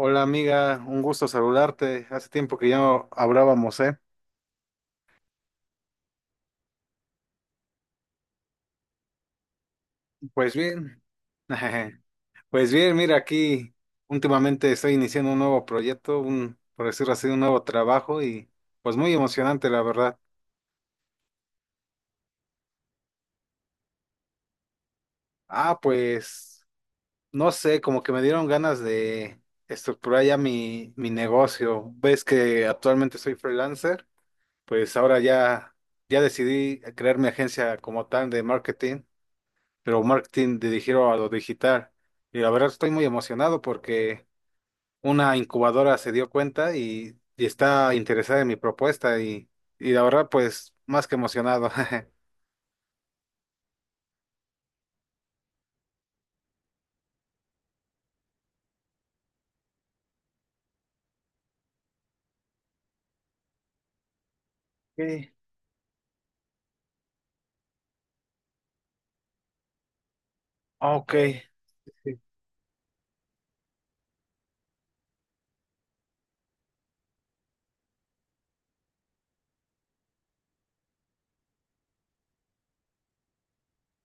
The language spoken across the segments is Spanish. Hola amiga, un gusto saludarte. Hace tiempo que ya no hablábamos, ¿eh? Pues bien, pues bien, mira aquí, últimamente estoy iniciando un nuevo proyecto, un, por decirlo así, un nuevo trabajo y pues muy emocionante, la verdad. Ah, pues no sé, como que me dieron ganas de estructurar ya mi negocio. Ves que actualmente soy freelancer, pues ahora ya, ya decidí crear mi agencia como tal de marketing. Pero marketing dirigido a lo digital. Y la verdad estoy muy emocionado porque una incubadora se dio cuenta y está interesada en mi propuesta y la verdad pues más que emocionado. Sí, ok, sí.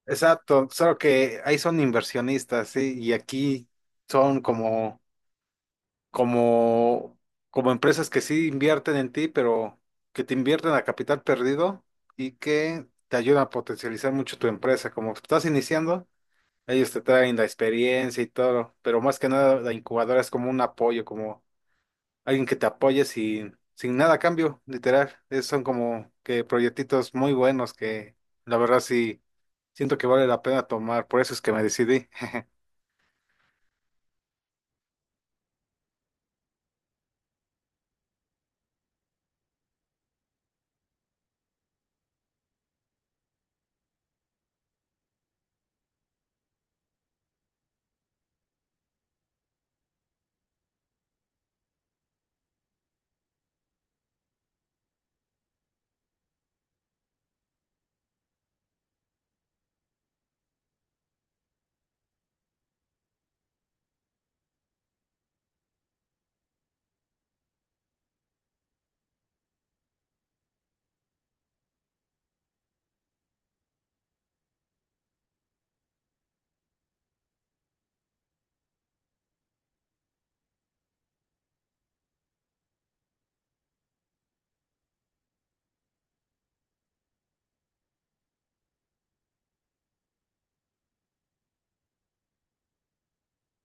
Exacto, solo que ahí son inversionistas, sí, y aquí son como, como empresas que sí invierten en ti, pero que te invierten a capital perdido y que te ayudan a potencializar mucho tu empresa. Como estás iniciando, ellos te traen la experiencia y todo, pero más que nada la incubadora es como un apoyo, como alguien que te apoye sin nada a cambio, literal. Es- son como que proyectitos muy buenos que la verdad sí siento que vale la pena tomar, por eso es que me decidí.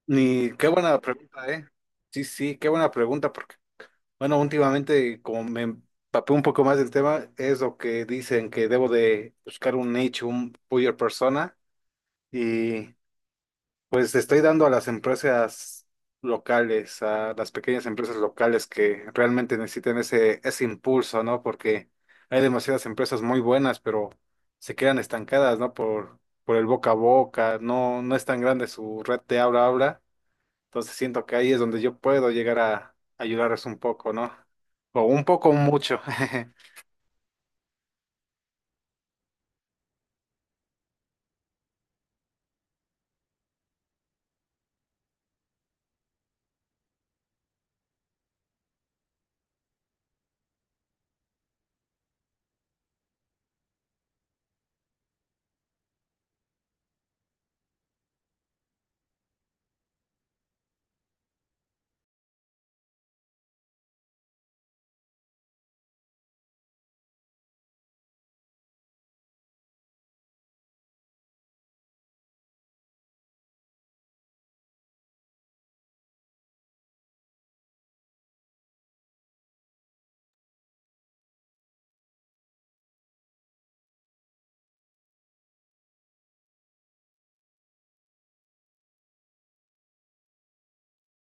Ni qué buena pregunta, ¿eh? Sí, sí, qué buena pregunta, porque bueno, últimamente como me empapé un poco más del tema, es lo que dicen que debo de buscar un nicho, un buyer persona. Y pues estoy dando a las empresas locales, a las pequeñas empresas locales que realmente necesitan ese impulso, ¿no? Porque hay demasiadas empresas muy buenas, pero se quedan estancadas, ¿no? Por el boca a boca, no, no es tan grande su red de habla a habla. Entonces siento que ahí es donde yo puedo llegar a ayudarles un poco, ¿no? O un poco o mucho.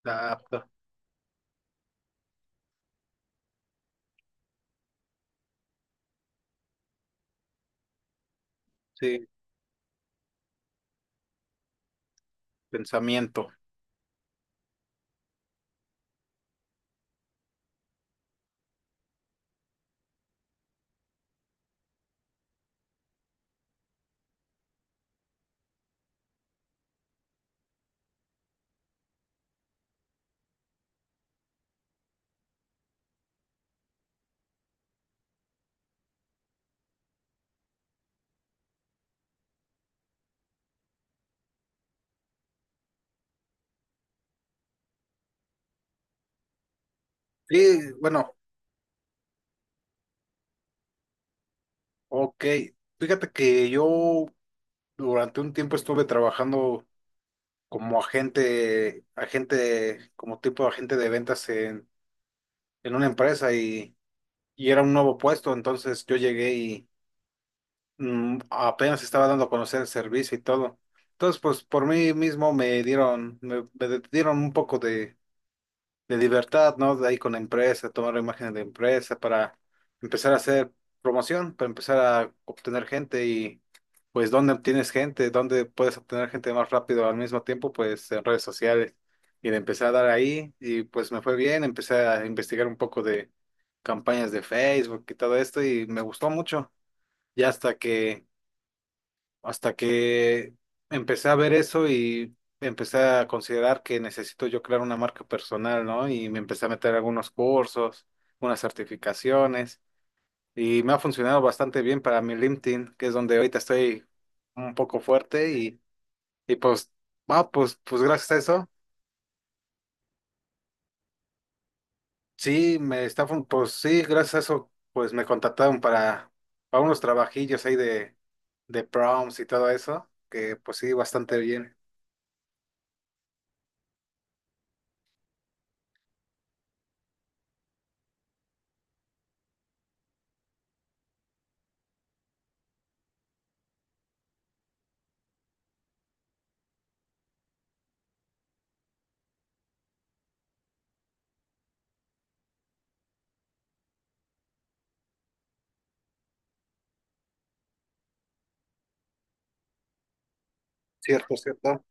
Adapto, sí, pensamiento. Sí, bueno, ok. Fíjate que yo durante un tiempo estuve trabajando como agente, como tipo de agente de ventas en una empresa y era un nuevo puesto, entonces yo llegué y apenas estaba dando a conocer el servicio y todo. Entonces, pues por mí mismo me dieron, me dieron un poco de libertad, ¿no? De ahí con la empresa, tomar imágenes de empresa para empezar a hacer promoción, para empezar a obtener gente y pues dónde obtienes gente, dónde puedes obtener gente más rápido al mismo tiempo, pues en redes sociales. Y le empecé a dar ahí y pues me fue bien, empecé a investigar un poco de campañas de Facebook y todo esto y me gustó mucho. Ya hasta que empecé a ver eso y empecé a considerar que necesito yo crear una marca personal, ¿no? Y me empecé a meter algunos cursos, unas certificaciones y me ha funcionado bastante bien para mi LinkedIn, que es donde ahorita estoy un poco fuerte y pues, ah, pues, pues gracias a eso, sí, me está, fun- pues sí, gracias a eso, pues me contactaron para unos trabajillos ahí de proms y todo eso, que pues sí, bastante bien. Cierto, cierto.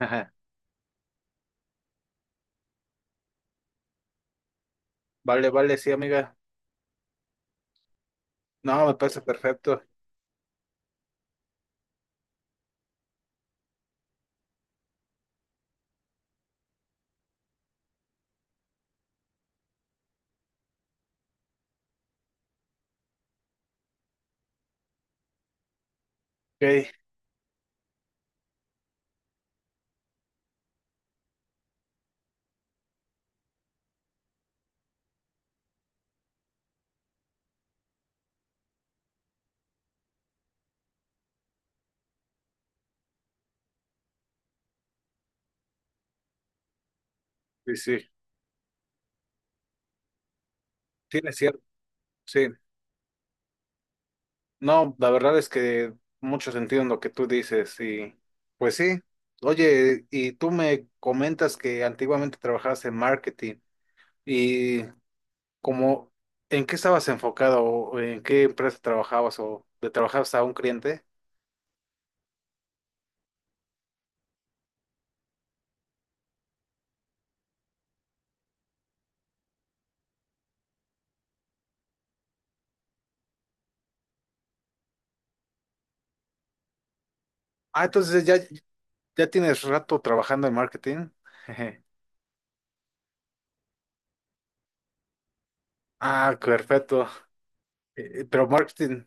Vale, vale, sí, amiga. No, me parece perfecto. Ok, sí, sí. Sí, es cierto, sí. No, la verdad es que mucho sentido en lo que tú dices y pues sí. Oye, y tú me comentas que antiguamente trabajabas en marketing y como, ¿en qué estabas enfocado o en qué empresa trabajabas o le trabajabas a un cliente? Ah, entonces ya, ya tienes rato trabajando en marketing. Ah, perfecto. Pero marketing,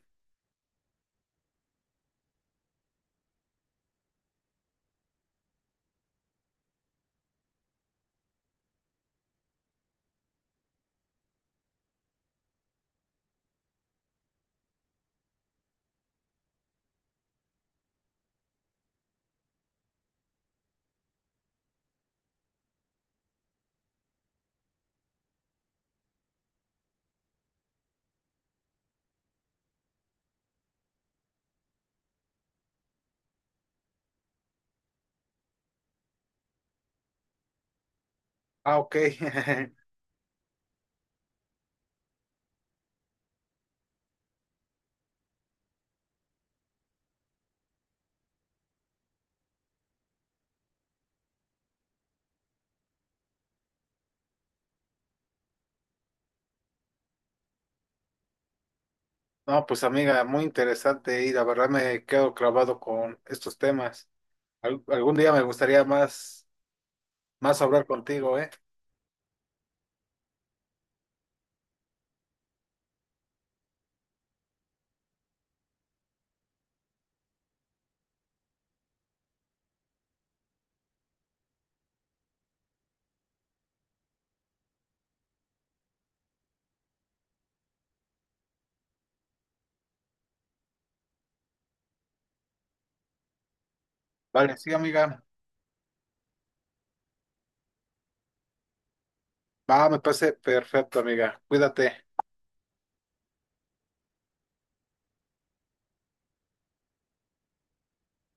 ah, ok. No, pues amiga, muy interesante y la verdad me quedo clavado con estos temas. Al- algún día me gustaría más, más hablar contigo, ¿eh? Vale, sí, amiga. Va, me parece perfecto, amiga. Cuídate.